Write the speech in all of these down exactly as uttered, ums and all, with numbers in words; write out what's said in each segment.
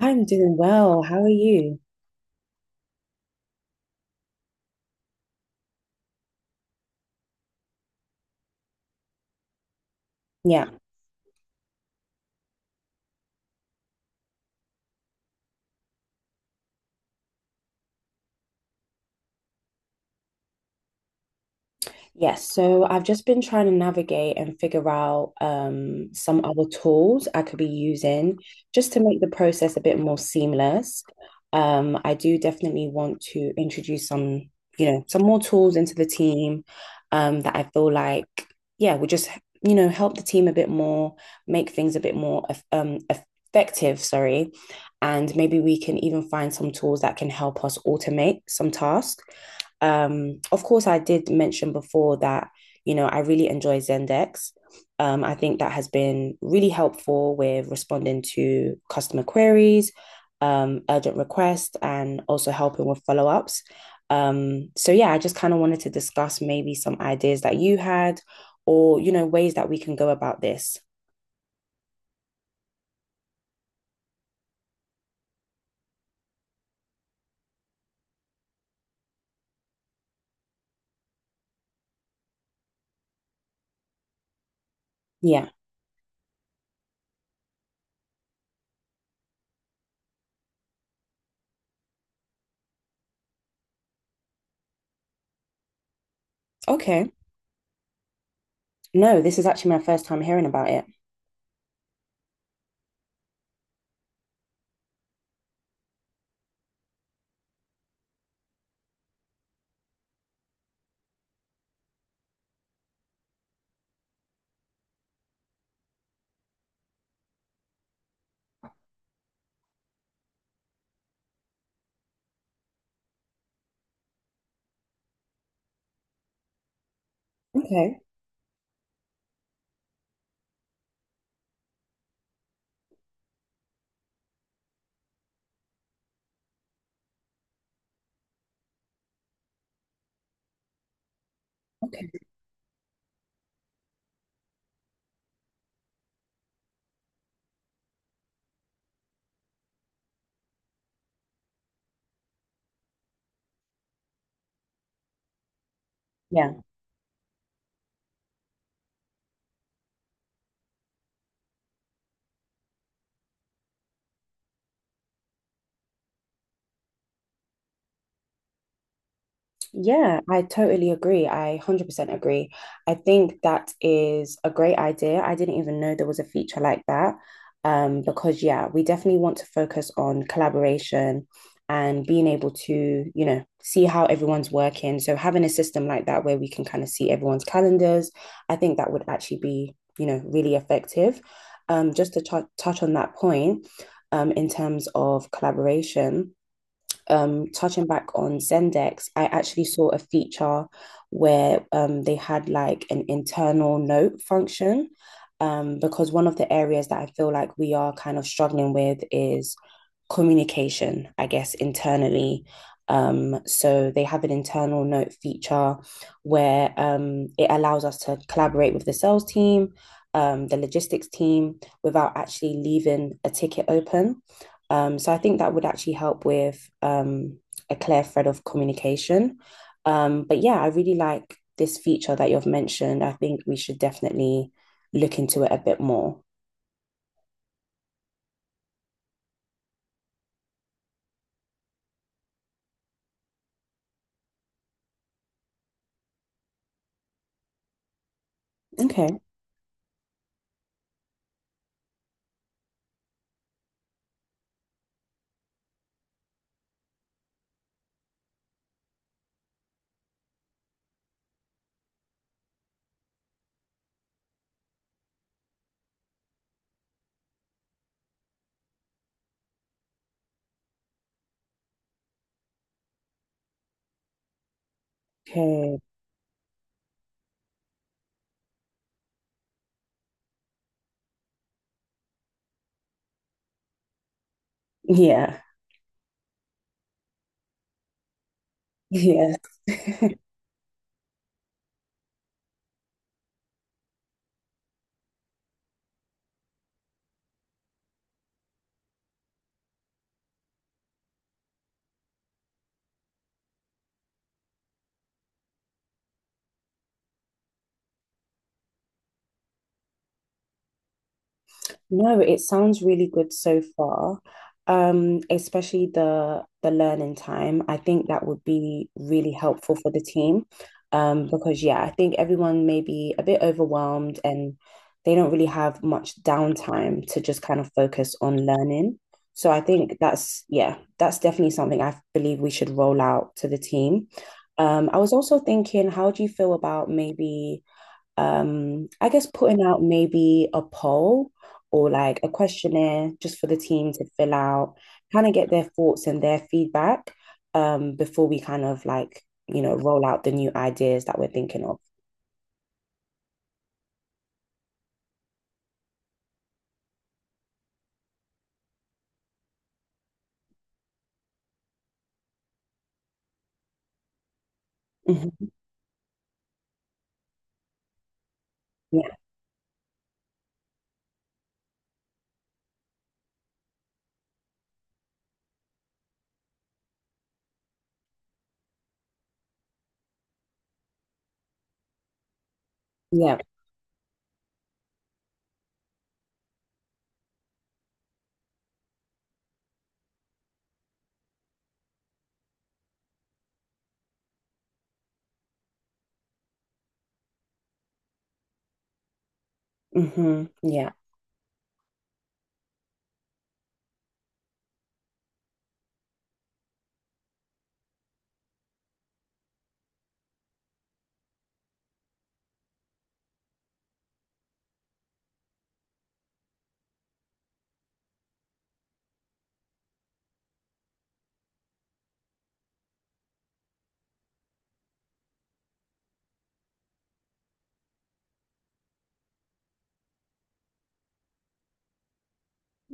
I'm doing well. How are you? Yeah. Yes. So I've just been trying to navigate and figure out um, some other tools I could be using just to make the process a bit more seamless. Um, I do definitely want to introduce some, you know, some more tools into the team um, that I feel like, yeah, would just, you know, help the team a bit more, make things a bit more eff- um, effective, sorry. And maybe we can even find some tools that can help us automate some tasks. Um, of course, I did mention before that, you know, I really enjoy Zendex. Um, I think that has been really helpful with responding to customer queries, um, urgent requests, and also helping with follow ups. Um, so, yeah, I just kind of wanted to discuss maybe some ideas that you had or, you know, ways that we can go about this. Yeah. Okay. No, this is actually my first time hearing about it. Okay. Okay. Yeah. Yeah, I totally agree. I one hundred percent agree. I think that is a great idea. I didn't even know there was a feature like that. Um, because yeah, we definitely want to focus on collaboration and being able to, you know, see how everyone's working. So having a system like that where we can kind of see everyone's calendars, I think that would actually be, you know, really effective. Um, just to tou- touch on that point, um, in terms of collaboration um, touching back on Zendesk, I actually saw a feature where um, they had like an internal note function. Um, because one of the areas that I feel like we are kind of struggling with is communication, I guess, internally. Um, so they have an internal note feature where um, it allows us to collaborate with the sales team, um, the logistics team, without actually leaving a ticket open. Um, so I think that would actually help with um, a clear thread of communication. Um, but yeah, I really like this feature that you've mentioned. I think we should definitely look into it a bit more. Okay. Okay. Yeah. Yeah. No, it sounds really good so far. Um, especially the the learning time. I think that would be really helpful for the team. Um, because yeah, I think everyone may be a bit overwhelmed and they don't really have much downtime to just kind of focus on learning. So I think that's yeah, that's definitely something I believe we should roll out to the team. Um, I was also thinking, how do you feel about maybe um, I guess putting out maybe a poll or like a questionnaire just for the team to fill out, kind of get their thoughts and their feedback um, before we kind of like, you know, roll out the new ideas that we're thinking of. Mhm. Yeah. Yeah. hmm Yeah.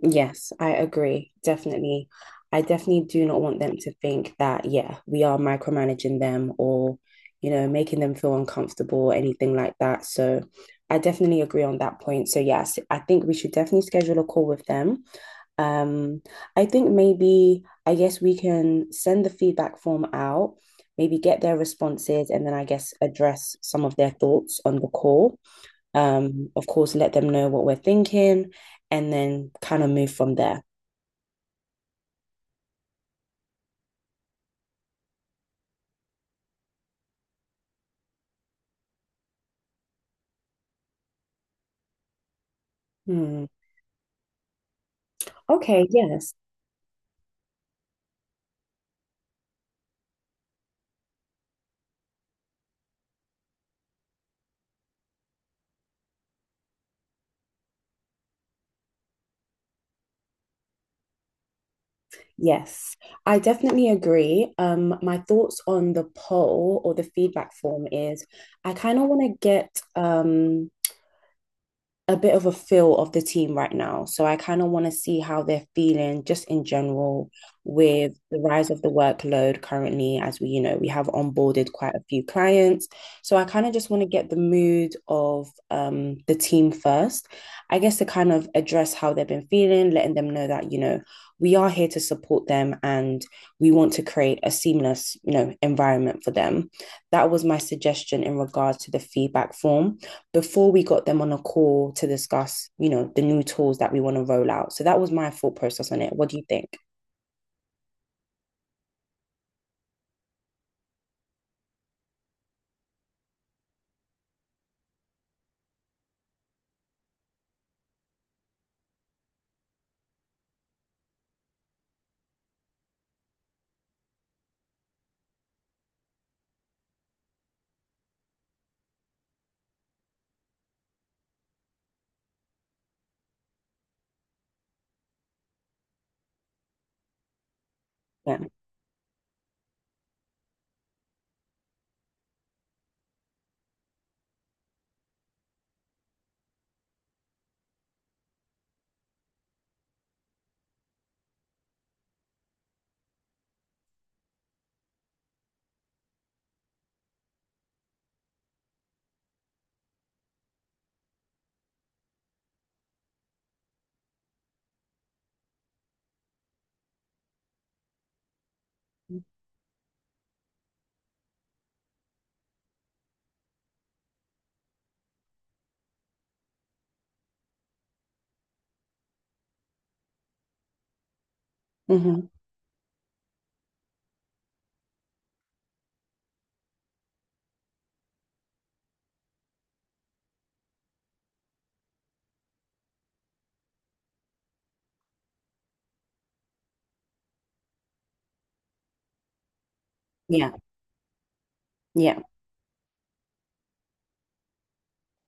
Yes, I agree. Definitely. I definitely do not want them to think that, yeah, we are micromanaging them or, you know, making them feel uncomfortable or anything like that. So I definitely agree on that point. So yes, I think we should definitely schedule a call with them. Um, I think maybe, I guess we can send the feedback form out, maybe get their responses, and then I guess address some of their thoughts on the call. Um, of course, let them know what we're thinking and then kind of move from there. Hmm. Okay, yes. Yes, I definitely agree. Um, my thoughts on the poll or the feedback form is I kind of want to get um a bit of a feel of the team right now. So I kind of want to see how they're feeling just in general with the rise of the workload currently, as we, you know, we have onboarded quite a few clients. So I kind of just want to get the mood of um, the team first, I guess to kind of address how they've been feeling, letting them know that, you know, we are here to support them and we want to create a seamless, you know, environment for them. That was my suggestion in regards to the feedback form before we got them on a call to discuss, you know, the new tools that we want to roll out. So that was my thought process on it. What do you think? Yeah. hmm Yeah. Yeah.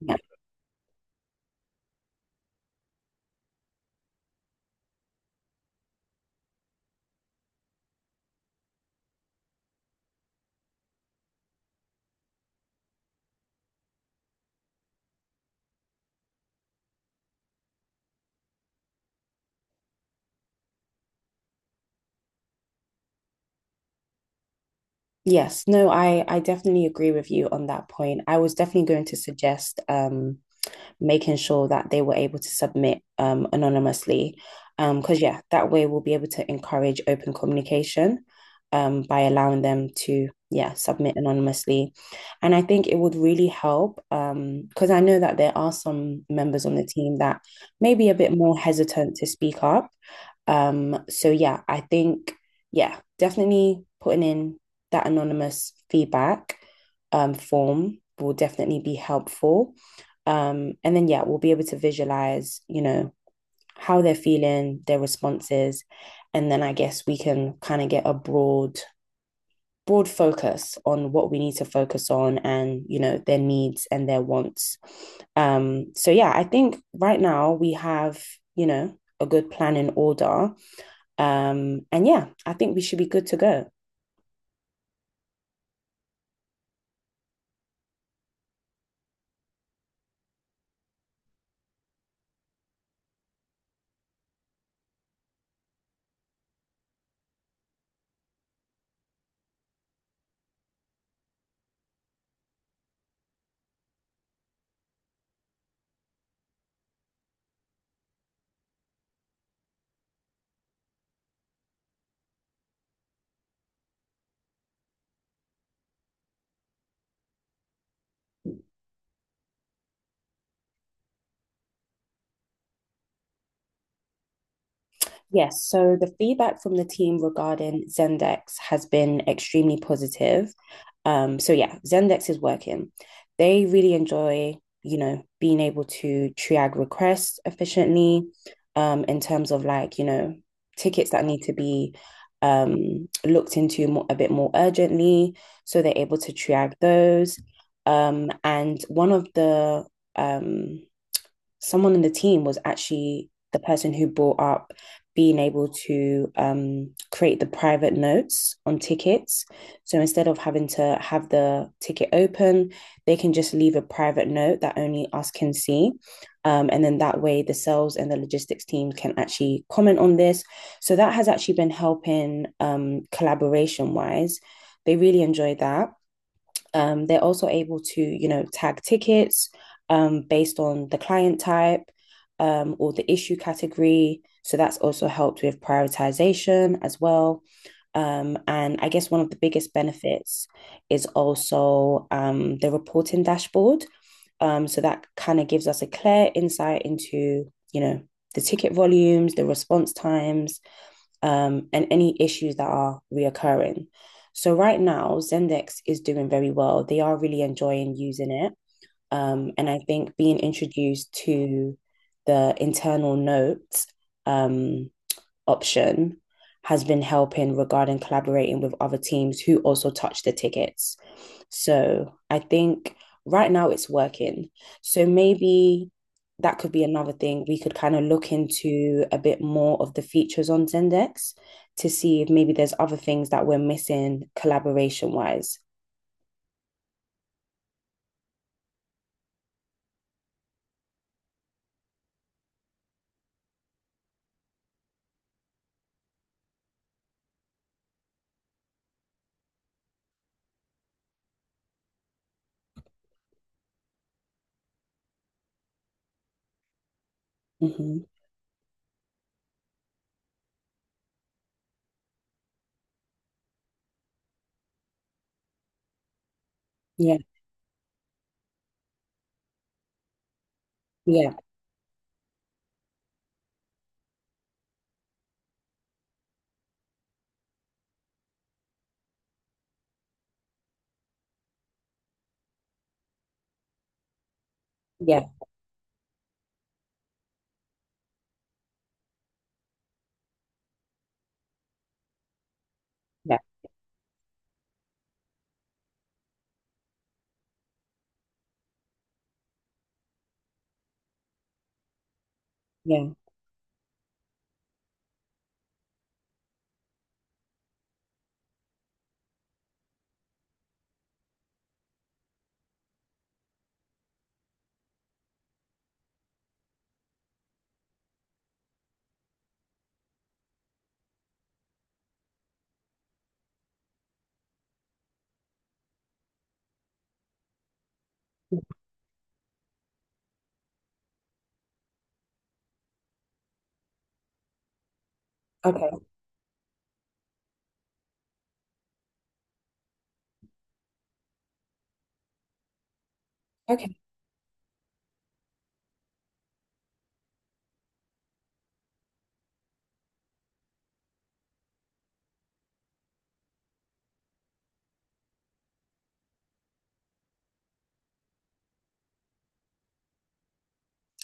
Yeah. Yes. No, I I definitely agree with you on that point. I was definitely going to suggest um making sure that they were able to submit um, anonymously. Because, um, yeah, that way we'll be able to encourage open communication um, by allowing them to yeah submit anonymously and I think it would really help because um, I know that there are some members on the team that may be a bit more hesitant to speak up, um, so yeah I think yeah definitely putting in that anonymous feedback um, form will definitely be helpful, um, and then, yeah, we'll be able to visualize, you know, how they're feeling, their responses. And then I guess we can kind of get a broad, broad focus on what we need to focus on and, you know, their needs and their wants. Um, so, yeah, I think right now we have, you know, a good plan in order. Um, and yeah, I think we should be good to go. Yes, so the feedback from the team regarding Zendex has been extremely positive. Um, so yeah, Zendex is working. They really enjoy, you know, being able to triage requests efficiently, um, in terms of like, you know, tickets that need to be um looked into more, a bit more urgently. So they're able to triage those. Um, and one of the um someone in the team was actually the person who brought up being able to um, create the private notes on tickets. So instead of having to have the ticket open, they can just leave a private note that only us can see. Um, and then that way, the sales and the logistics team can actually comment on this. So that has actually been helping um, collaboration wise. They really enjoy that. Um, they're also able to, you know, tag tickets um, based on the client type um, or the issue category. So that's also helped with prioritization as well. Um, and I guess one of the biggest benefits is also um, the reporting dashboard. Um, so that kind of gives us a clear insight into, you know, the ticket volumes, the response times, um, and any issues that are reoccurring. So right now, Zendex is doing very well. They are really enjoying using it. Um, and I think being introduced to the internal notes um, option has been helping regarding collaborating with other teams who also touch the tickets. So I think right now it's working. So maybe that could be another thing we could kind of look into a bit more of the features on Zendex to see if maybe there's other things that we're missing collaboration wise. hmm Yeah, yeah, yeah, yeah, yeah. Okay, okay.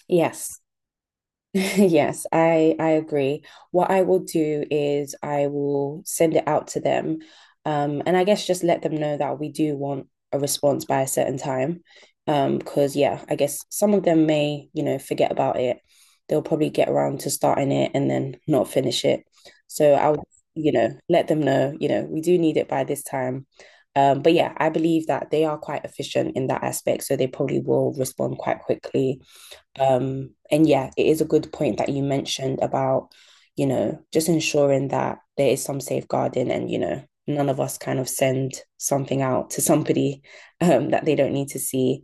Yes. Yes, I I agree. What I will do is I will send it out to them, um, and I guess just let them know that we do want a response by a certain time, um, because yeah, I guess some of them may, you know, forget about it. They'll probably get around to starting it and then not finish it. So I'll, you know, let them know, you know, we do need it by this time. Um, but yeah, I believe that they are quite efficient in that aspect, so they probably will respond quite quickly. Um, and yeah, it is a good point that you mentioned about, you know, just ensuring that there is some safeguarding and, you know, none of us kind of send something out to somebody um, that they don't need to see.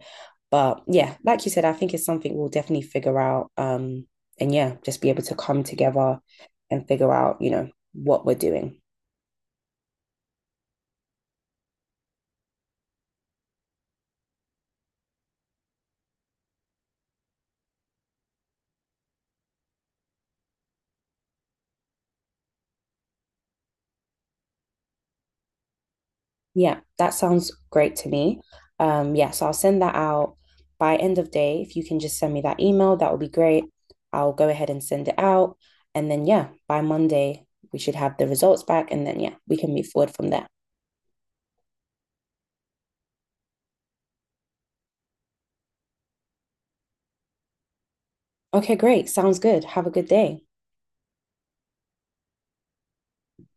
But yeah, like you said, I think it's something we'll definitely figure out. Um, and yeah, just be able to come together and figure out, you know, what we're doing. Yeah, that sounds great to me. Um, yes, I'll send that out by end of day. If you can just send me that email, that would be great. I'll go ahead and send it out. And then, yeah, by Monday, we should have the results back. And then, yeah, we can move forward from there. Okay, great. Sounds good. Have a good day.